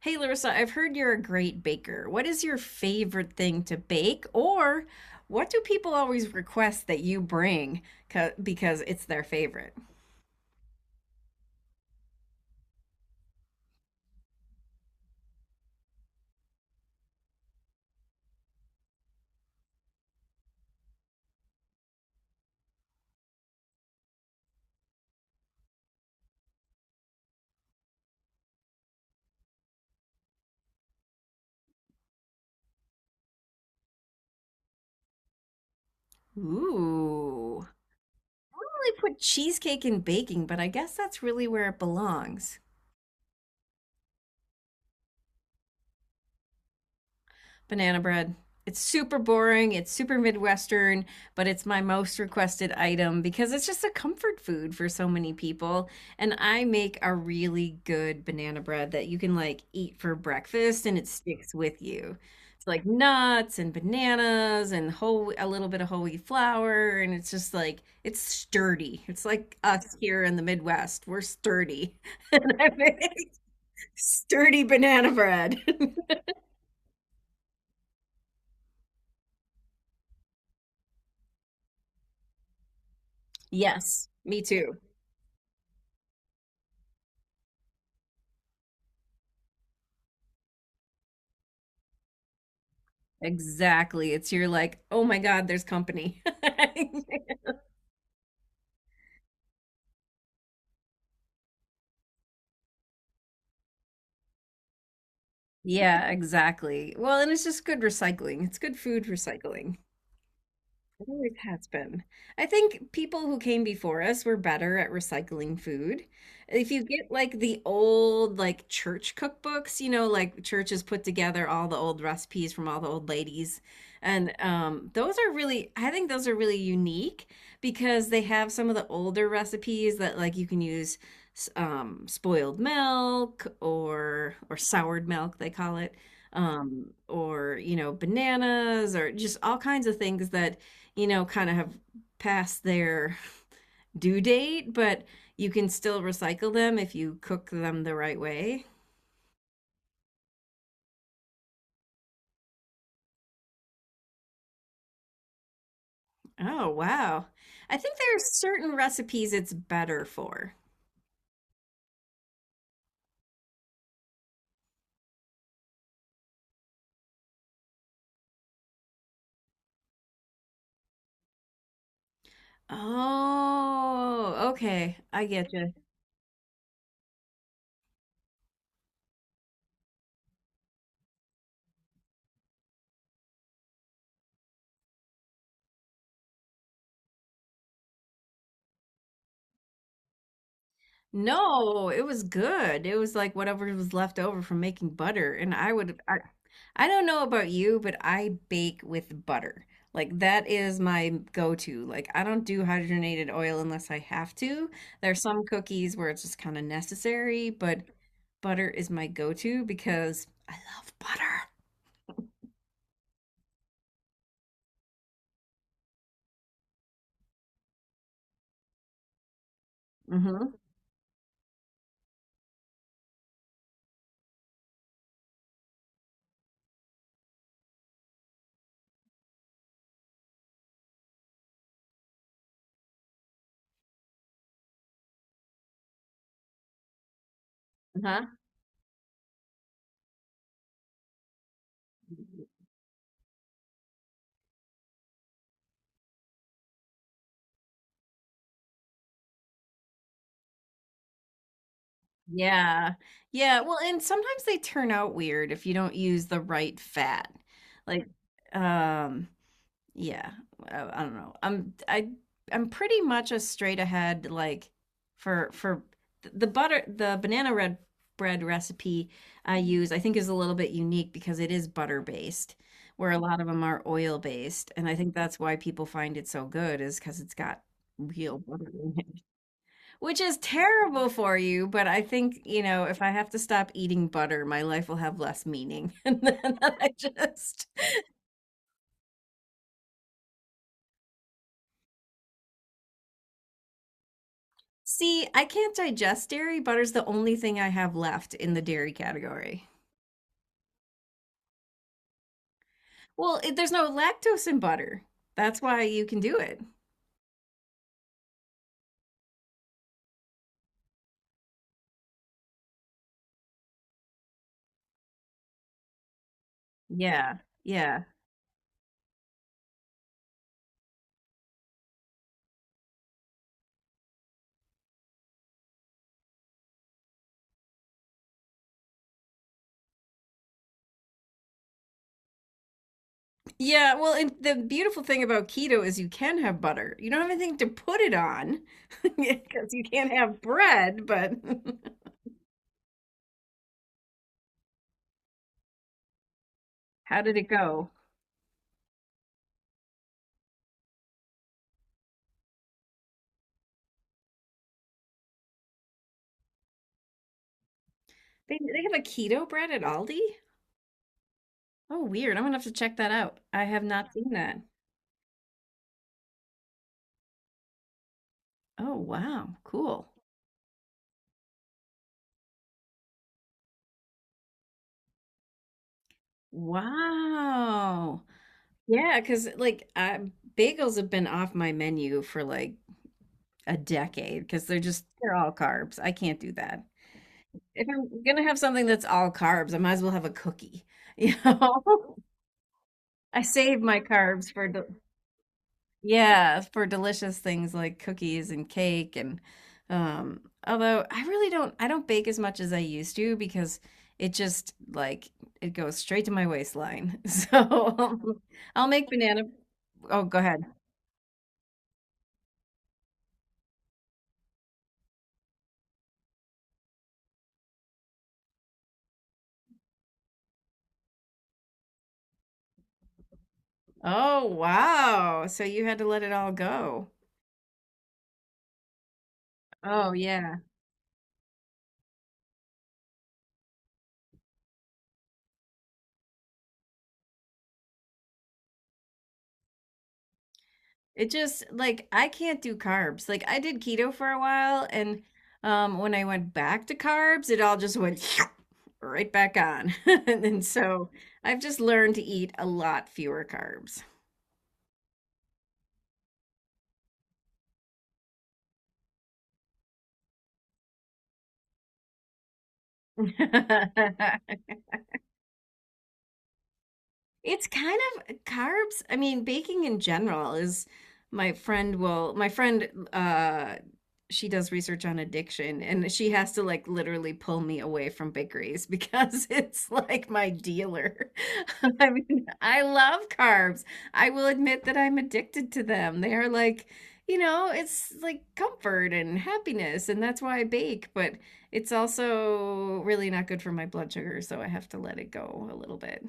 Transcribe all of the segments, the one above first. Hey, Larissa, I've heard you're a great baker. What is your favorite thing to bake, or what do people always request that you bring because it's their favorite? Ooh, I do put cheesecake in baking, but I guess that's really where it belongs. Banana bread. It's super boring, it's super Midwestern, but it's my most requested item because it's just a comfort food for so many people. And I make a really good banana bread that you can like eat for breakfast and it sticks with you. It's like nuts and bananas and whole a little bit of whole wheat flour and it's just like it's sturdy. It's like us here in the Midwest. We're sturdy. And I make sturdy banana bread. Yes, me too. Exactly. It's You're like, oh my God, there's company. Yeah, exactly. Well, and it's just good recycling. It's good food recycling. It always has been. I think people who came before us were better at recycling food. If you get like the old like church cookbooks, like churches put together all the old recipes from all the old ladies, and I think those are really unique because they have some of the older recipes that like you can use spoiled milk, or soured milk they call it, or bananas, or just all kinds of things that kind of have passed their due date, but you can still recycle them if you cook them the right way. Oh, wow. I think there are certain recipes it's better for. Oh, okay. I get you. No, it was good. It was like whatever was left over from making butter. And I don't know about you, but I bake with butter. Like that is my go-to. Like I don't do hydrogenated oil unless I have to. There's some cookies where it's just kind of necessary, but butter is my go-to because I love butter. Mm-hmm. Uh-huh. Yeah. Yeah. Well, and sometimes they turn out weird if you don't use the right fat. Like, um, yeah, I don't know, I'm pretty much a straight ahead, like, for the banana red bread recipe I use, I think, is a little bit unique because it is butter based, where a lot of them are oil based, and I think that's why people find it so good is because it's got real butter in it, which is terrible for you, but I think if I have to stop eating butter my life will have less meaning and then I just. See, I can't digest dairy. Butter's the only thing I have left in the dairy category. Well, there's no lactose in butter. That's why you can do it. Yeah. Yeah. Yeah. Well, and the beautiful thing about keto is you can have butter. You don't have anything to put it on because you can't have bread, but how did it go? They have a keto bread at Aldi? Oh, weird. I'm gonna have to check that out. I have not seen that. Oh, wow. Cool. Wow. Yeah, because like, I bagels have been off my menu for, like, a decade because 'cause they're all carbs. I can't do that. If I'm gonna have something that's all carbs, I might as well have a cookie, you know? I save my carbs for the yeah, for delicious things like cookies and cake, and although I don't bake as much as I used to because like, it goes straight to my waistline. So, um, I'll make banana. Oh, go ahead. Oh, wow. So you had to let it all go. Oh, yeah. It just, like, I can't do carbs. Like I did keto for a while and when I went back to carbs, it all just went right back on. And so I've just learned to eat a lot fewer carbs. It's kind of carbs. I mean, baking in general is my friend, she does research on addiction and she has to like literally pull me away from bakeries because it's like my dealer. I mean, I love carbs. I will admit that I'm addicted to them. They are like, it's like comfort and happiness, and that's why I bake, but it's also really not good for my blood sugar, so I have to let it go a little bit.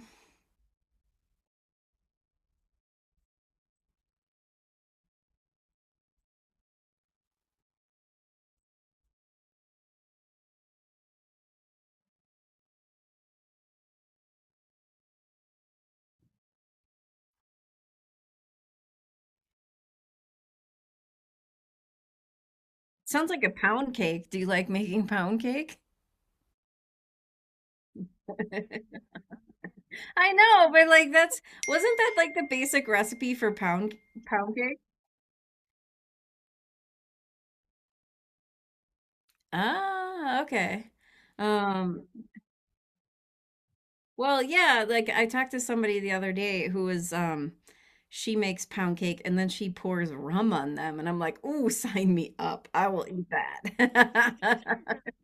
Sounds like a pound cake. Do you like making pound cake? I know, but like that's wasn't that like the basic recipe for pound cake? Ah, okay. Um, well, yeah, like I talked to somebody the other day who was she makes pound cake and then she pours rum on them and I'm like, "Ooh, sign me up. I will eat that."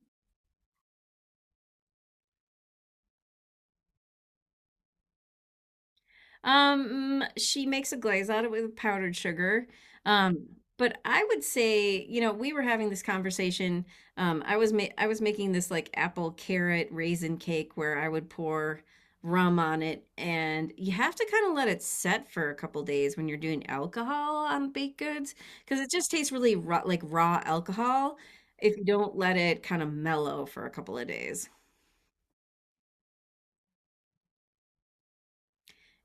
She makes a glaze out of it with powdered sugar. Um, but I would say, we were having this conversation. I was making this like apple carrot raisin cake where I would pour rum on it, and you have to kind of let it set for a couple days when you're doing alcohol on baked goods because it just tastes really raw, like raw alcohol if you don't let it kind of mellow for a couple of days.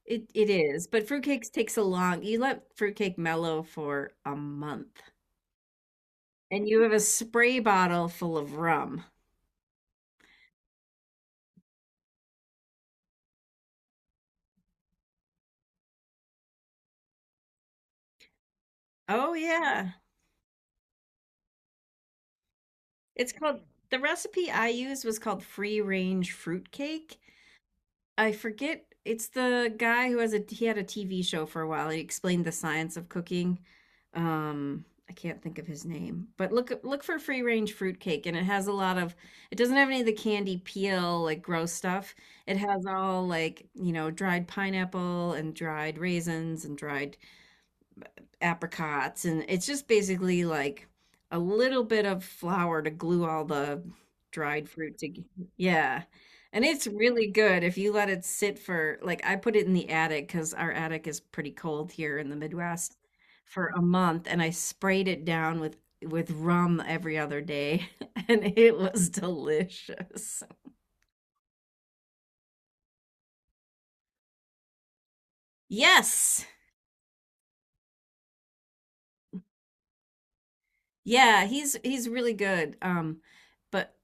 It is, but fruitcakes takes a long, you let fruitcake mellow for a month, and you have a spray bottle full of rum. Oh yeah. It's called, the recipe I used was called free range fruitcake. I forget, it's the guy who has a he had a TV show for a while. He explained the science of cooking. I can't think of his name, but look for free range fruitcake, and it has a lot of. It doesn't have any of the candy peel like gross stuff. It has all like dried pineapple and dried raisins and dried apricots and it's just basically like a little bit of flour to glue all the dried fruit together. Yeah. And it's really good if you let it sit for like I put it in the attic because our attic is pretty cold here in the Midwest for a month and I sprayed it down with rum every other day and it was delicious. Yes. Yeah, he's really good. Um, but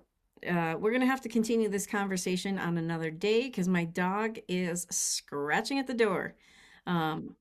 uh, we're gonna have to continue this conversation on another day because my dog is scratching at the door. Um,